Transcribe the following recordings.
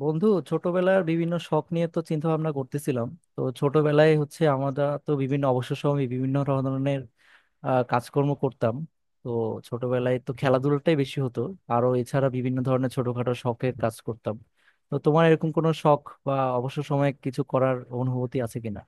বন্ধু ছোটবেলার বিভিন্ন শখ নিয়ে তো চিন্তা ভাবনা করতেছিলাম। তো ছোটবেলায় হচ্ছে আমরা তো বিভিন্ন অবসর সময়ে বিভিন্ন ধরনের কাজকর্ম করতাম। তো ছোটবেলায় তো খেলাধুলাটাই বেশি হতো, আরো এছাড়া বিভিন্ন ধরনের ছোটখাটো শখের কাজ করতাম। তো তোমার এরকম কোনো শখ বা অবসর সময়ে কিছু করার অনুভূতি আছে কিনা?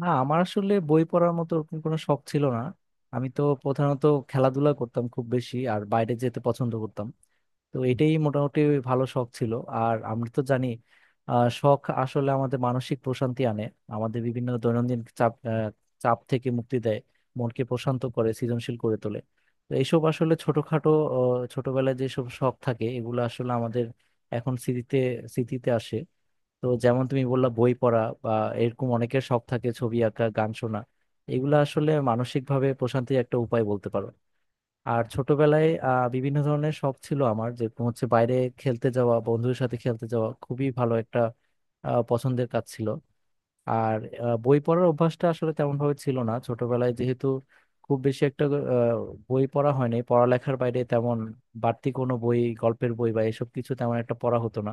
না, আমার আসলে বই পড়ার মতো ওরকম কোনো শখ ছিল না। আমি তো প্রধানত খেলাধুলা করতাম খুব বেশি, আর বাইরে যেতে পছন্দ করতাম। তো এটাই মোটামুটি ভালো শখ ছিল। আর আমরা তো জানি শখ আসলে আমাদের মানসিক প্রশান্তি আনে, আমাদের বিভিন্ন দৈনন্দিন চাপ চাপ থেকে মুক্তি দেয়, মনকে প্রশান্ত করে, সৃজনশীল করে তোলে। তো এইসব আসলে ছোটখাটো ছোটবেলায় যেসব শখ থাকে এগুলো আসলে আমাদের এখন স্মৃতিতে স্মৃতিতে আসে। তো যেমন তুমি বললা বই পড়া, বা এরকম অনেকের শখ থাকে ছবি আঁকা, গান শোনা। এগুলো আসলে মানসিকভাবে প্রশান্তির একটা উপায় বলতে পারো। আর ছোটবেলায় বিভিন্ন ধরনের শখ ছিল আমার, যেরকম হচ্ছে বাইরে খেলতে যাওয়া, বন্ধুদের সাথে খেলতে যাওয়া খুবই ভালো একটা পছন্দের কাজ ছিল। আর বই পড়ার অভ্যাসটা আসলে তেমন ভাবে ছিল না ছোটবেলায়, যেহেতু খুব বেশি একটা আহ, বই পড়া হয়নি পড়ালেখার বাইরে তেমন, বাড়তি কোনো বই, গল্পের বই বা এসব কিছু তেমন একটা পড়া হতো না।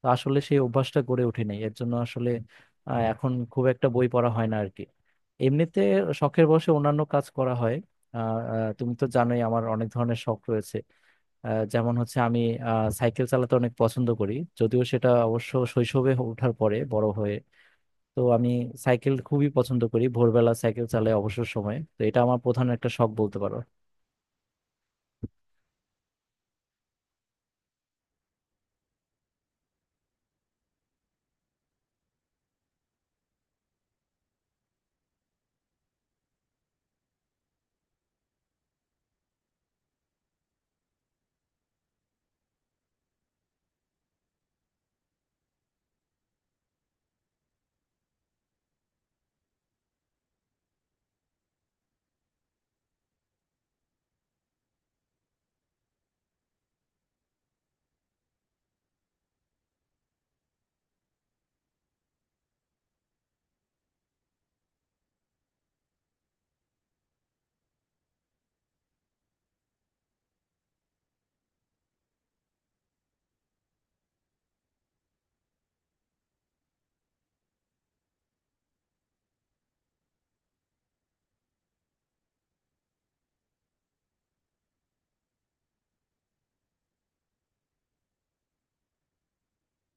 তো আসলে সেই অভ্যাসটা গড়ে ওঠেনি, এর জন্য আসলে এখন খুব একটা বই পড়া হয় না আর কি এমনিতে। শখের বশে অন্যান্য কাজ করা হয়। আহ, তুমি তো জানোই আমার অনেক ধরনের শখ রয়েছে। যেমন হচ্ছে আমি সাইকেল চালাতে অনেক পছন্দ করি, যদিও সেটা অবশ্য শৈশবে ওঠার পরে বড় হয়ে। তো আমি সাইকেল খুবই পছন্দ করি, ভোরবেলা সাইকেল চালাই অবসর সময়ে, তো এটা আমার প্রধান একটা শখ বলতে পারো।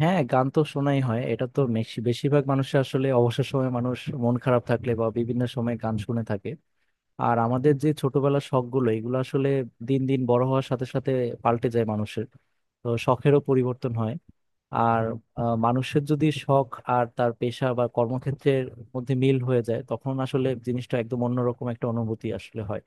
হ্যাঁ, গান তো শোনাই হয়, এটা তো বেশিরভাগ মানুষের আসলে অবসর সময়ে মানুষ মন খারাপ থাকলে বা বিভিন্ন সময় গান শুনে থাকে। আর আমাদের যে ছোটবেলার শখ গুলো এগুলো আসলে দিন দিন বড় হওয়ার সাথে সাথে পাল্টে যায় মানুষের, তো শখেরও পরিবর্তন হয়। আর মানুষের যদি শখ আর তার পেশা বা কর্মক্ষেত্রের মধ্যে মিল হয়ে যায়, তখন আসলে জিনিসটা একদম অন্যরকম একটা অনুভূতি আসলে হয়।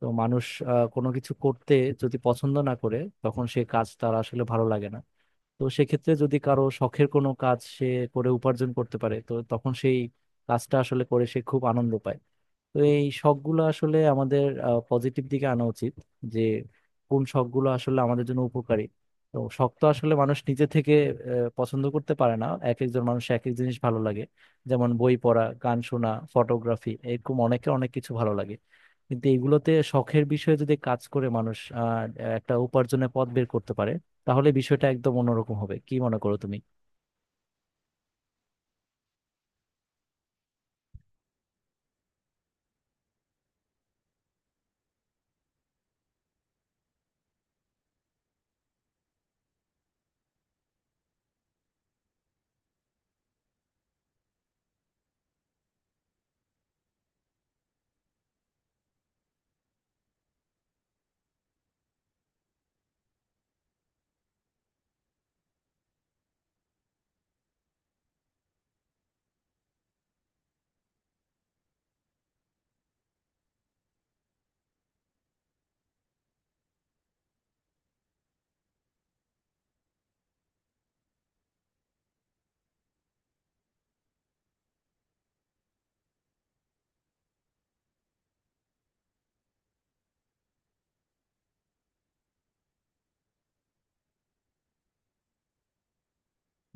তো মানুষ কোনো কিছু করতে যদি পছন্দ না করে, তখন সে কাজ তার আসলে ভালো লাগে না। তো সেক্ষেত্রে যদি কারো শখের কোনো কাজ সে করে উপার্জন করতে পারে, তো তখন সেই কাজটা আসলে করে সে খুব আনন্দ পায়। তো এই শখগুলো আসলে আমাদের পজিটিভ দিকে আনা উচিত, যে কোন শখগুলো আসলে আমাদের জন্য উপকারী। তো শখ তো আসলে মানুষ নিজে থেকে পছন্দ করতে পারে না, এক একজন মানুষ এক এক জিনিস ভালো লাগে। যেমন বই পড়া, গান শোনা, ফটোগ্রাফি, এরকম অনেকের অনেক কিছু ভালো লাগে। কিন্তু এইগুলোতে শখের বিষয়ে যদি কাজ করে মানুষ একটা উপার্জনের পথ বের করতে পারে, তাহলে বিষয়টা একদম অন্যরকম হবে, কি মনে করো তুমি?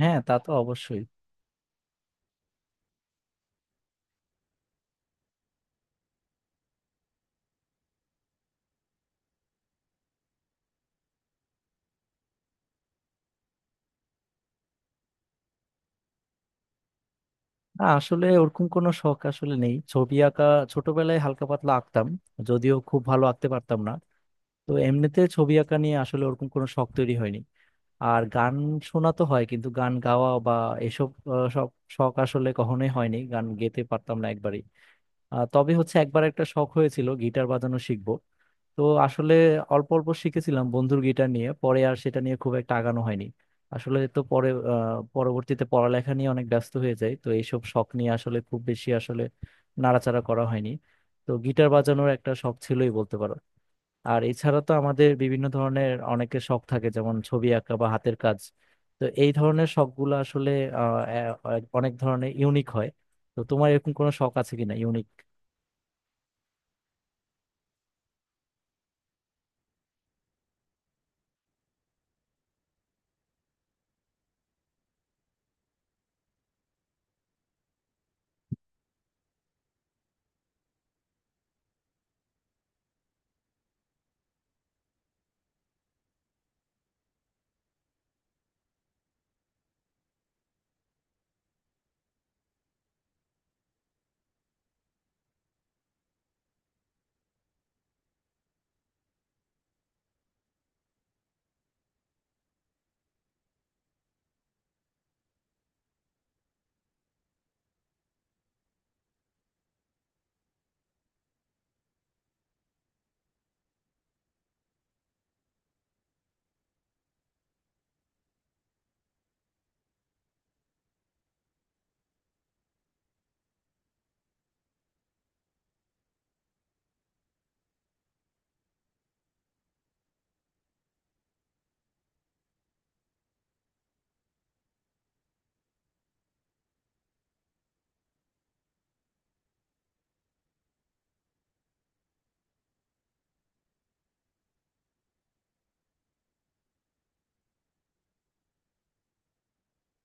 হ্যাঁ, তা তো অবশ্যই। না, আসলে ওরকম কোনো শখ আসলে নেই। ছবি আঁকা ছোটবেলায় হালকা পাতলা আঁকতাম, যদিও খুব ভালো আঁকতে পারতাম না। তো এমনিতে ছবি আঁকা নিয়ে আসলে ওরকম কোনো শখ তৈরি হয়নি। আর গান শোনা তো হয়, কিন্তু গান গাওয়া বা এসব সব শখ আসলে কখনোই হয়নি, গান গেতে পারতাম না একবারই। তবে হচ্ছে একবার একটা শখ হয়েছিল গিটার বাজানো শিখবো। তো আসলে অল্প অল্প শিখেছিলাম বন্ধুর গিটার নিয়ে, পরে আর সেটা নিয়ে খুব একটা আগানো হয়নি আসলে। তো পরে পরবর্তীতে পড়ালেখা নিয়ে অনেক ব্যস্ত হয়ে যায়, তো এইসব শখ নিয়ে আসলে খুব বেশি আসলে নাড়াচাড়া করা হয়নি। তো গিটার বাজানোর একটা শখ ছিলই বলতে পারো। আর এছাড়া তো আমাদের বিভিন্ন ধরনের অনেকের শখ থাকে, যেমন ছবি আঁকা বা হাতের কাজ। তো এই ধরনের শখগুলো আসলে আহ, এ- অনেক ধরনের ইউনিক হয়। তো তোমার এরকম কোনো শখ আছে কিনা ইউনিক?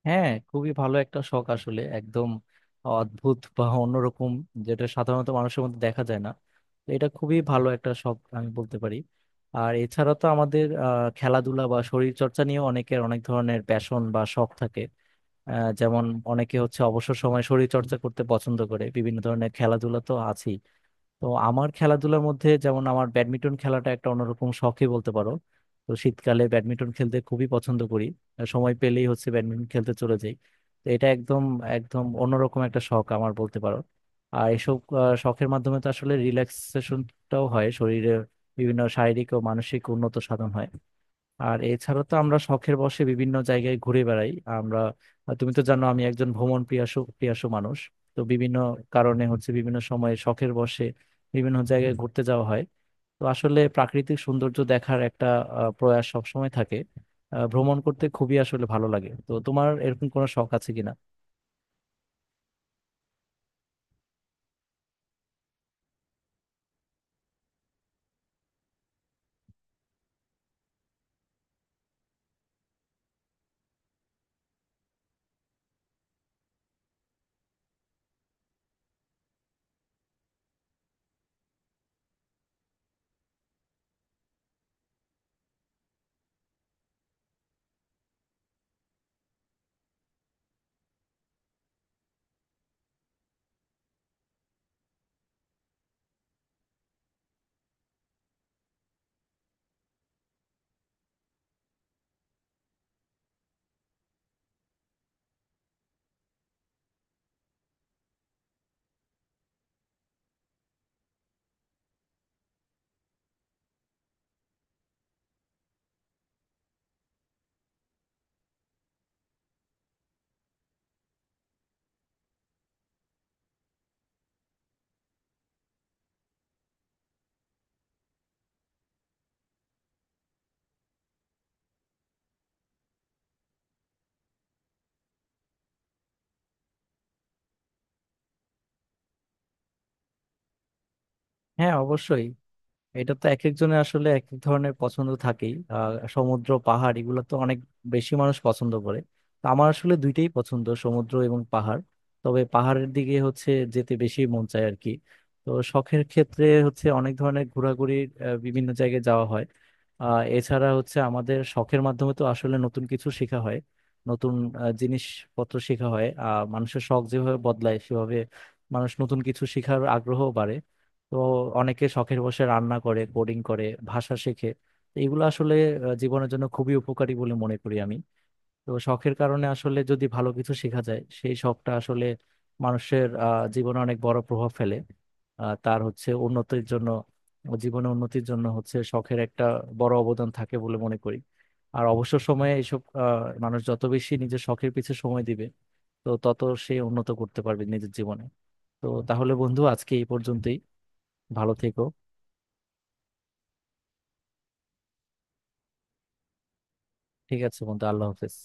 হ্যাঁ, খুবই ভালো একটা শখ আসলে, একদম অদ্ভুত বা অন্যরকম, যেটা সাধারণত মানুষের মধ্যে দেখা যায় না। তো এটা খুবই ভালো একটা শখ আমি বলতে পারি। আর এছাড়া তো আমাদের খেলাধুলা বা শরীর চর্চা নিয়েও অনেকের অনেক ধরনের প্যাশন বা শখ থাকে। যেমন অনেকে হচ্ছে অবসর সময় শরীর চর্চা করতে পছন্দ করে, বিভিন্ন ধরনের খেলাধুলা তো আছেই। তো আমার খেলাধুলার মধ্যে যেমন আমার ব্যাডমিন্টন খেলাটা একটা অন্যরকম শখই বলতে পারো। তো শীতকালে ব্যাডমিন্টন খেলতে খুবই পছন্দ করি, আর সময় পেলেই হচ্ছে ব্যাডমিন্টন খেলতে চলে যাই। তো এটা একদম একদম অন্যরকম একটা শখ আমার বলতে পারো। আর এসব শখের মাধ্যমে তো আসলে রিল্যাক্সেশনটাও হয় শরীরে, বিভিন্ন শারীরিক ও মানসিক উন্নত সাধন হয়। আর এছাড়া তো আমরা শখের বশে বিভিন্ন জায়গায় ঘুরে বেড়াই। আমরা তুমি তো জানো আমি একজন ভ্রমণ প্রিয়াসু প্রিয়াসু মানুষ। তো বিভিন্ন কারণে হচ্ছে বিভিন্ন সময়ে শখের বশে বিভিন্ন জায়গায় ঘুরতে যাওয়া হয়। তো আসলে প্রাকৃতিক সৌন্দর্য দেখার একটা প্রয়াস সবসময় থাকে। ভ্রমণ করতে খুবই আসলে ভালো লাগে। তো তোমার এরকম কোনো শখ আছে কিনা? হ্যাঁ, অবশ্যই। এটা তো এক একজনের আসলে এক এক ধরনের পছন্দ থাকেই। আহ, সমুদ্র, পাহাড়, এগুলো তো অনেক বেশি মানুষ পছন্দ করে। তো আমার আসলে দুইটাই পছন্দ, সমুদ্র এবং পাহাড়। তবে পাহাড়ের দিকে হচ্ছে যেতে বেশি মন চায় আর কি। তো শখের ক্ষেত্রে হচ্ছে অনেক ধরনের ঘোরাঘুরির বিভিন্ন জায়গায় যাওয়া হয়। আহ, এছাড়া হচ্ছে আমাদের শখের মাধ্যমে তো আসলে নতুন কিছু শেখা হয়, নতুন জিনিসপত্র শেখা হয়। আহ, মানুষের শখ যেভাবে বদলায় সেভাবে মানুষ নতুন কিছু শেখার আগ্রহ বাড়ে। তো অনেকে শখের বসে রান্না করে, কোডিং করে, ভাষা শেখে। তো এগুলো আসলে জীবনের জন্য খুবই উপকারী বলে মনে করি আমি। তো শখের কারণে আসলে যদি ভালো কিছু শেখা যায়, সেই শখটা আসলে মানুষের জীবনে অনেক বড় প্রভাব ফেলে। তার হচ্ছে উন্নতির জন্য, জীবনে উন্নতির জন্য হচ্ছে শখের একটা বড় অবদান থাকে বলে মনে করি। আর অবসর সময়ে এইসব মানুষ যত বেশি নিজের শখের পিছে সময় দিবে, তো তত সে উন্নত করতে পারবে নিজের জীবনে। তো তাহলে বন্ধু, আজকে এই পর্যন্তই। ভালো থেকো। ঠিক আছে বন্ধু, আল্লাহ হাফেজ।